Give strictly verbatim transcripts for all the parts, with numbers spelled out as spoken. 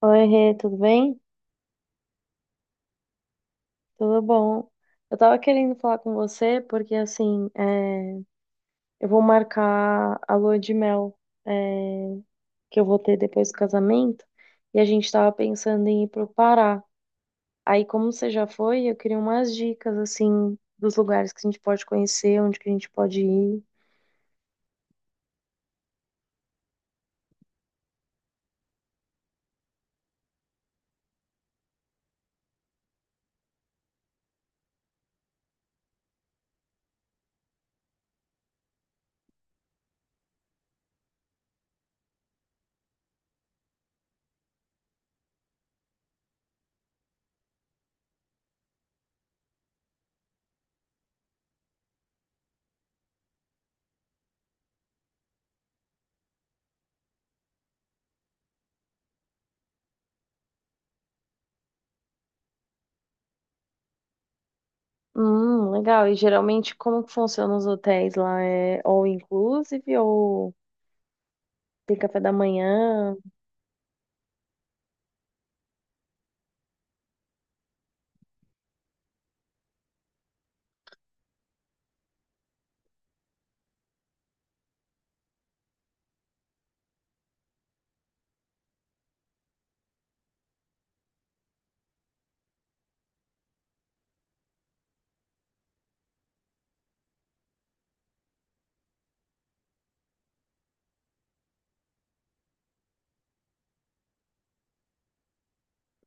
Oi, Rê, tudo bem? Tudo bom? Eu tava querendo falar com você porque, assim, é, eu vou marcar a lua de mel, é, que eu vou ter depois do casamento e a gente tava pensando em ir pro Pará. Aí, como você já foi, eu queria umas dicas, assim, dos lugares que a gente pode conhecer, onde que a gente pode ir. Hum, legal. E geralmente, como que funcionam os hotéis lá? É all inclusive ou tem café da manhã?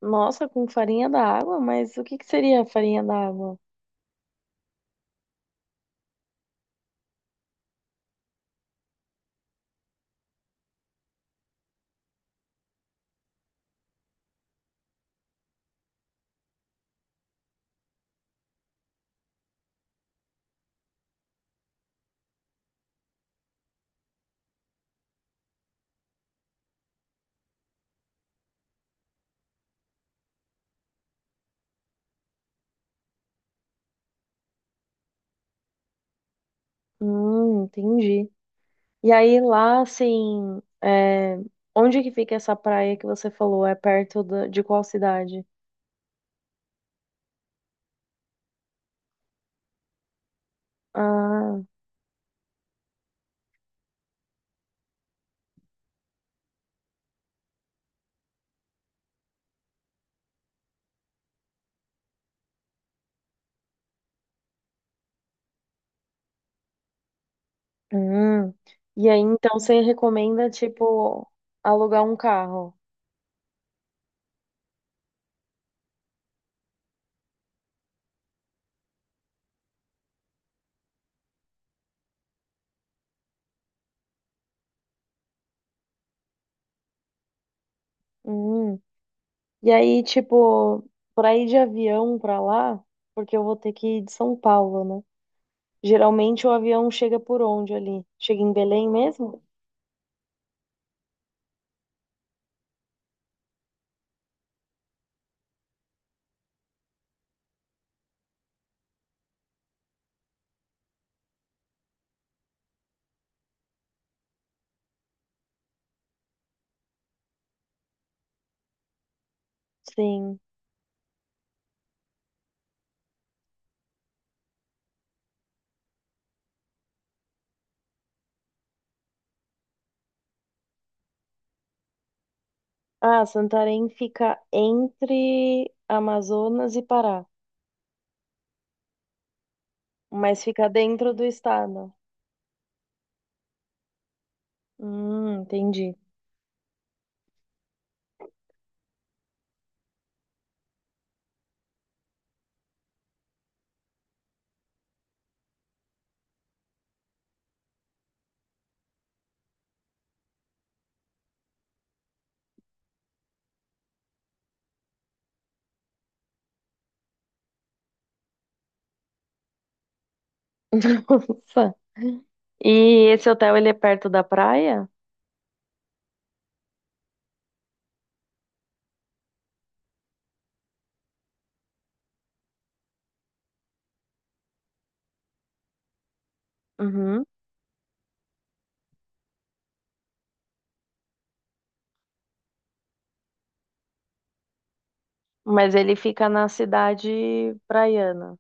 Nossa, com farinha da água? Mas o que que seria a farinha da água? Hum, entendi. E aí lá, assim, é, onde que fica essa praia que você falou? É perto da- de qual cidade? Ah, hum. E aí, então, você recomenda, tipo, alugar um carro? Hum. E aí, tipo, pra ir de avião pra lá, porque eu vou ter que ir de São Paulo, né? Geralmente o avião chega por onde ali? Chega em Belém mesmo? Sim. Ah, Santarém fica entre Amazonas e Pará, mas fica dentro do estado. Hum, entendi. Nossa. E esse hotel, ele é perto da praia? Uhum. Mas ele fica na cidade praiana.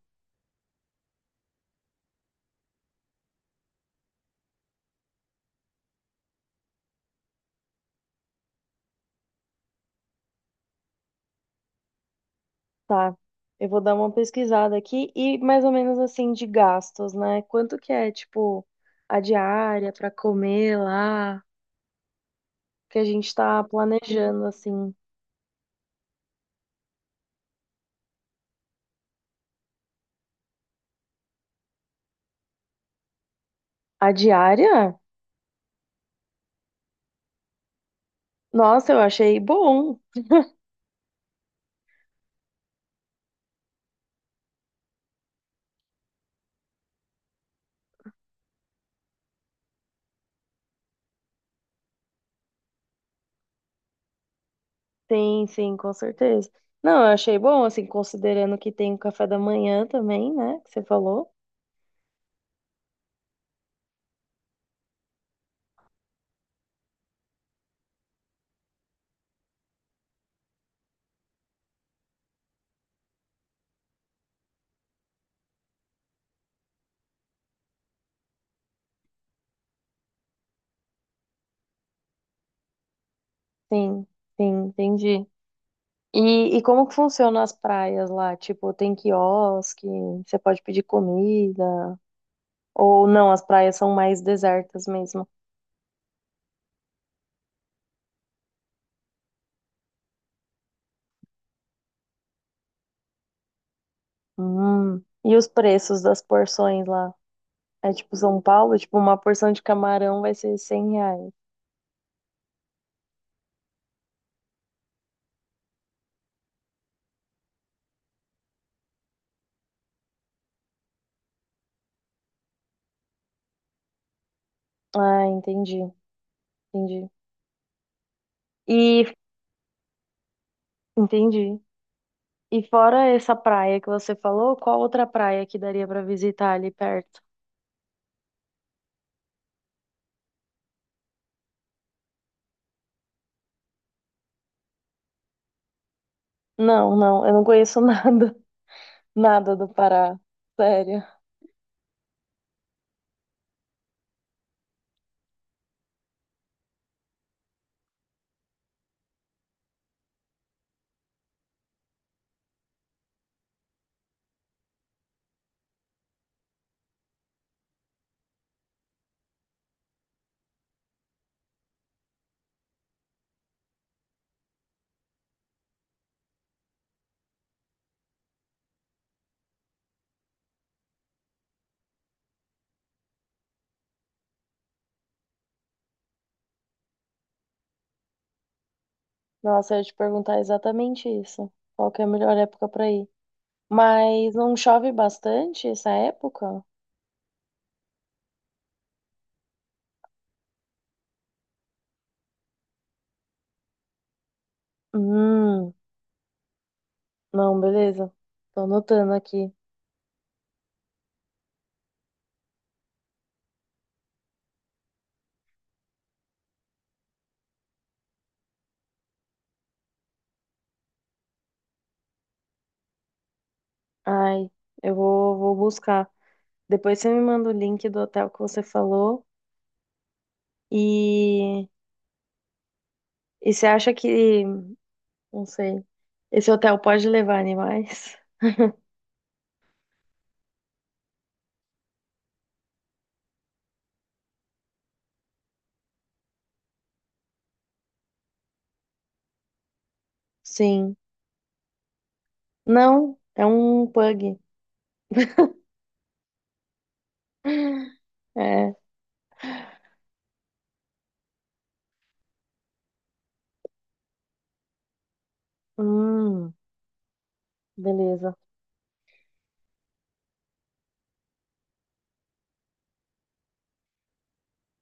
Tá. Eu vou dar uma pesquisada aqui e mais ou menos assim de gastos, né? Quanto que é, tipo, a diária pra comer lá? Que a gente tá planejando assim. A diária? Nossa, eu achei bom. Sim, sim, com certeza. Não, eu achei bom, assim, considerando que tem o café da manhã também, né? Que você falou. Sim, sim, entendi. E, e como que funciona as praias lá? Tipo, tem quiosque, você pode pedir comida, ou não, as praias são mais desertas mesmo. Hum. E os preços das porções lá? É tipo São Paulo, tipo, uma porção de camarão vai ser cem reais. Ah, entendi, entendi. E entendi. E fora essa praia que você falou, qual outra praia que daria pra visitar ali perto? Não, não, eu não conheço nada, nada do Pará, sério. Nossa, eu ia te perguntar exatamente isso. Qual que é a melhor época pra ir? Mas não chove bastante essa época? Hum, não, beleza. Tô anotando aqui. Ai, eu vou, vou buscar. Depois você me manda o link do hotel que você falou. E, e você acha que... Não sei. Esse hotel pode levar animais? Sim. Não, é um pug. É. Hum, beleza.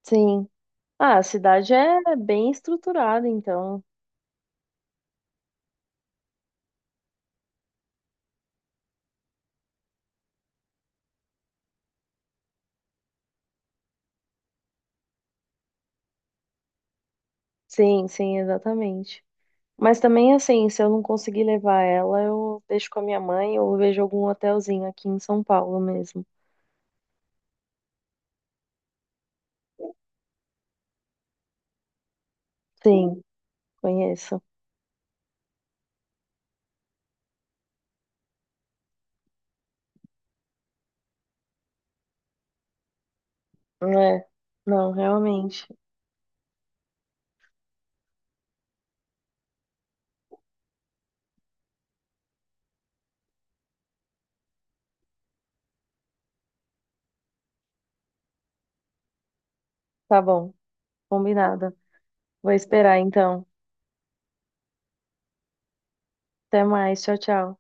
Sim. Ah, a cidade é bem estruturada, então. Sim, sim, exatamente. Mas também, assim, se eu não conseguir levar ela, eu deixo com a minha mãe ou vejo algum hotelzinho aqui em São Paulo mesmo. Sim, conheço. É. Não, realmente. Tá bom. Combinada. Vou esperar, então. Até mais. Tchau, tchau.